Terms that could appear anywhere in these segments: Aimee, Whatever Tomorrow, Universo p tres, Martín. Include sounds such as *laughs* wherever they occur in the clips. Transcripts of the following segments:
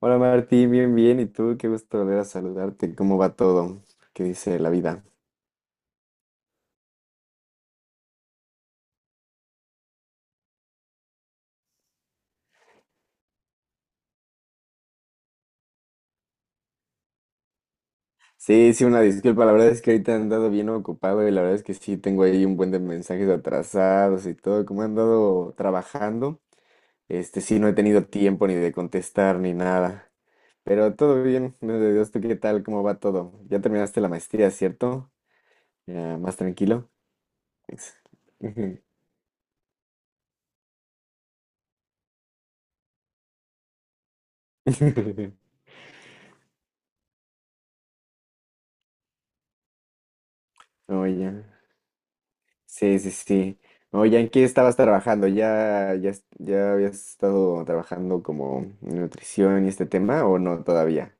Hola Martín, bien, bien. ¿Y tú? Qué gusto volver a saludarte. ¿Cómo va todo? ¿Qué dice la vida? Sí, sí, una disculpa. La verdad es que ahorita he andado bien ocupado y la verdad es que sí tengo ahí un buen de mensajes atrasados y todo. Como he andado trabajando, este sí no he tenido tiempo ni de contestar ni nada. Pero todo bien, gracias a Dios. ¿Tú qué tal? ¿Cómo va todo? Ya terminaste la maestría, ¿cierto? Ya, más tranquilo. Ex- *laughs* *laughs* Ujú. Oh, sí, sí, sí. Oye, ¿en qué estabas trabajando? ¿ Ya habías estado trabajando como en nutrición y este tema o no todavía?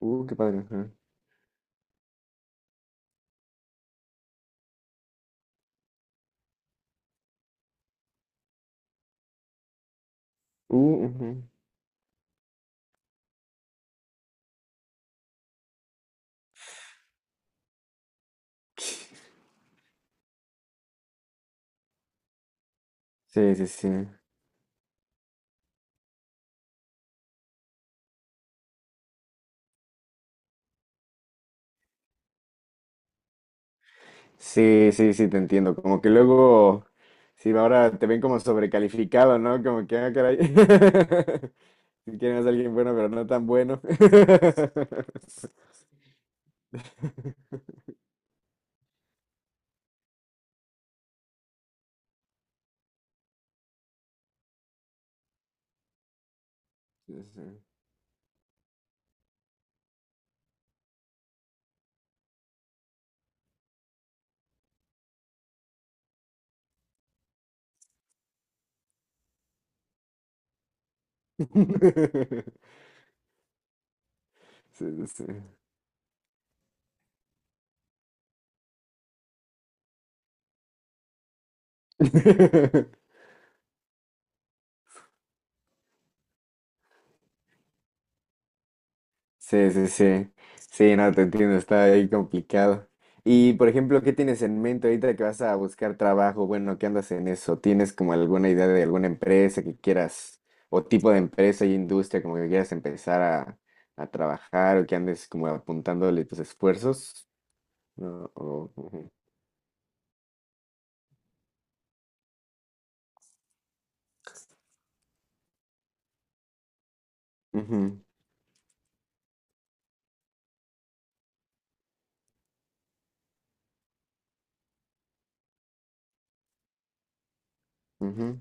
Qué padre. Ajá. Ujú. Sí, sí, sí. Sí, sí, sí, te entiendo. Como que luego, sí, ahora te ven como sobrecalificado, ¿no? Como que, ah, caray. *laughs* Si quieres a alguien bueno, pero no tan bueno. *laughs* Sí, sí. *laughs* Sí, sí, sí. *laughs* Sí, sí, sí. Sí, no, te entiendo, está ahí complicado. Y, por ejemplo, ¿qué tienes en mente ahorita que vas a buscar trabajo? Bueno, ¿qué andas en eso? ¿Tienes como alguna idea de alguna empresa que quieras, o tipo de empresa y industria como que quieras empezar a trabajar o que andes como apuntándole tus esfuerzos? No, ujú, ujú, ujú,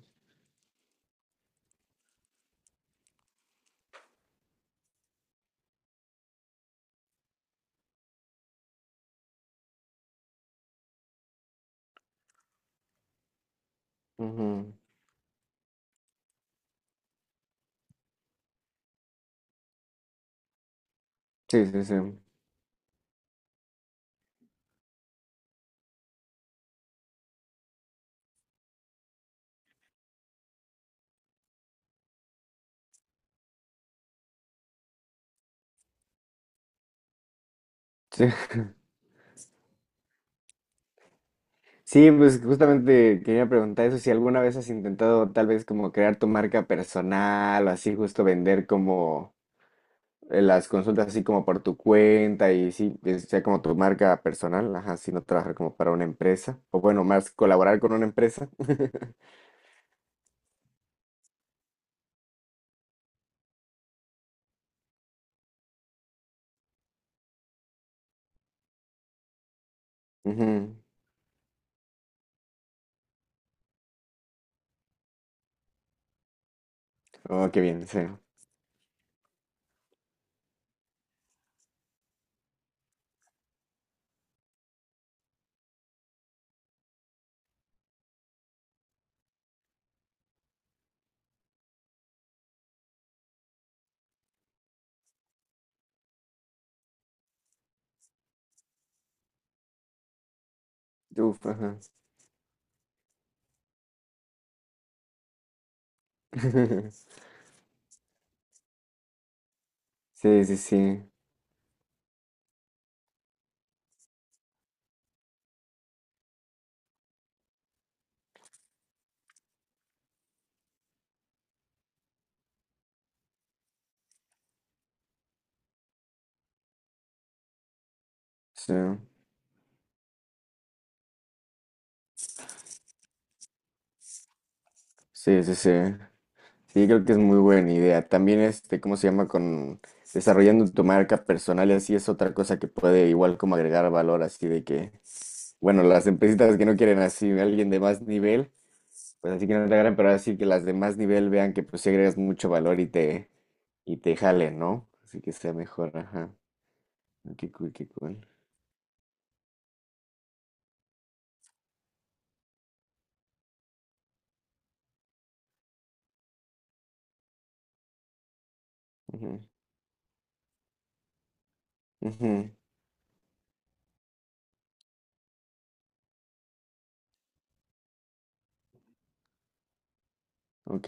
ujú. Sí, sí, sí. Sí. *laughs* Sí, pues justamente quería preguntar eso, si alguna vez has intentado tal vez como crear tu marca personal o así justo vender como las consultas así como por tu cuenta y sí, que sea como tu marca personal, ajá, si no trabajar como para una empresa o bueno, más colaborar con una empresa. *laughs* Ujú. Oh, qué bien, sí. Uf, ajá. *laughs* Sí, sí, sí. Sí, sí, sí, sí. Sí, creo que es muy buena idea. También este, ¿cómo se llama? Con desarrollando tu marca personal y así es otra cosa que puede igual como agregar valor, así de que, bueno, las empresitas que no quieren así alguien de más nivel, pues así que no te agarren, pero así que las de más nivel vean que pues sí agregas mucho valor y y te jalen, ¿no? Así que sea mejor, ajá. Qué cool, qué cool. Ujú, ujú, ok.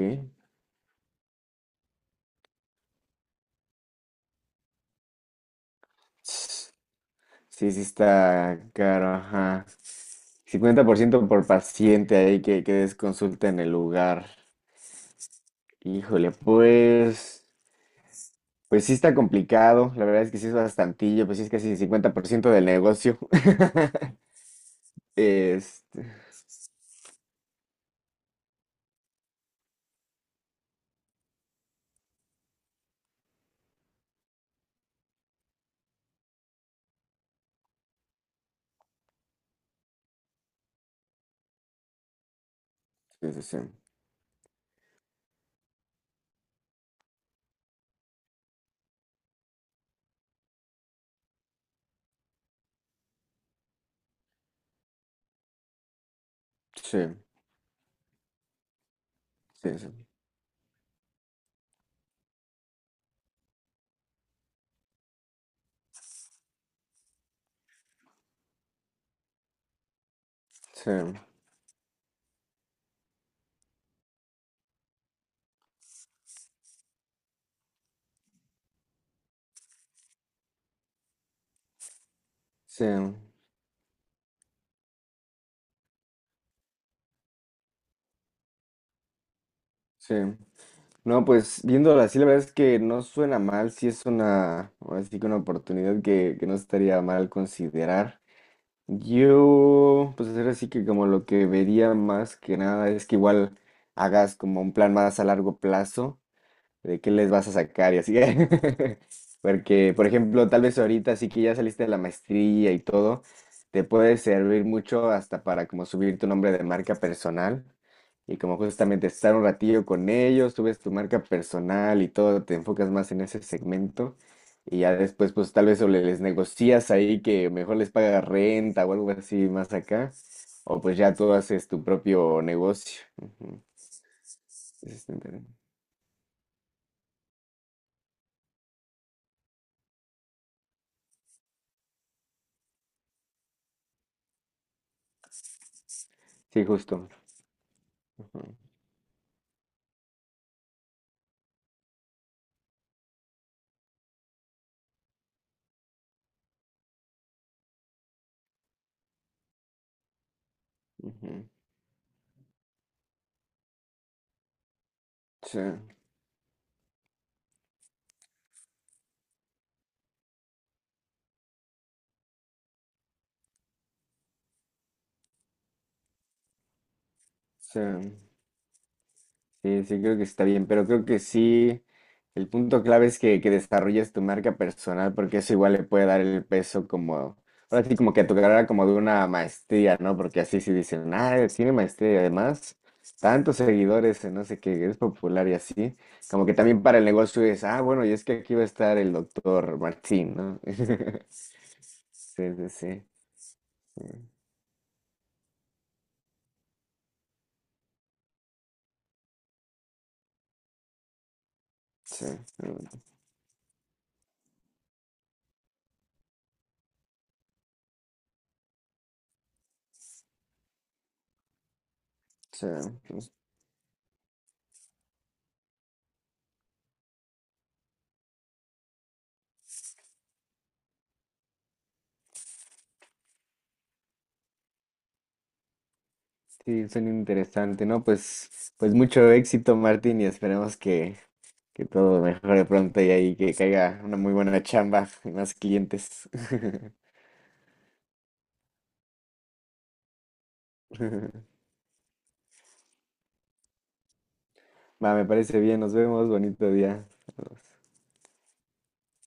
Sí, sí está caro, ajá. 50% por paciente ahí que des consulta en el lugar. Híjole, pues, pues sí está complicado. La verdad es que sí es bastantillo, pues sí es casi el 50% del negocio. *laughs* Este, sí, sí, sí, sí, sí, sí, sí, sí. Sí. No, pues viéndolo así, la verdad es que no suena mal. Sí es una, ahora sí que una oportunidad que no estaría mal considerar. Yo, pues ahora sí que como lo que vería más que nada es que igual hagas como un plan más a largo plazo de qué les vas a sacar y así. *laughs* Porque, por ejemplo, tal vez ahorita sí que ya saliste de la maestría y todo, te puede servir mucho hasta para como subir tu nombre de marca personal y como justamente estar un ratillo con ellos, subes tu marca personal y todo, te enfocas más en ese segmento y ya después pues tal vez o les negocias ahí que mejor les paga renta o algo así más acá. O pues ya tú haces tu propio negocio. Ujú. Ese está interesante. Sí, justo. Ujú, ujú. Sí, sí, sí, creo que está bien, pero creo que sí, el punto clave es que desarrolles tu marca personal, porque eso igual le puede dar el peso como, ahora sí, como que a tu carrera como de una maestría, ¿no? Porque así sí dicen, ah, tiene maestría y además tantos seguidores, en no sé qué, es popular y así, como que también para el negocio es, ah, bueno, y es que aquí va a estar el doctor Martín, ¿no? *laughs* Sí, sí, sí, sí, sí, sí, sí, suena interesante, ¿no? Pues, pues mucho éxito, Martín, y esperemos que todo mejore pronto y ahí que caiga una muy buena chamba y más clientes. *laughs* Va, me parece bien, nos vemos, bonito día.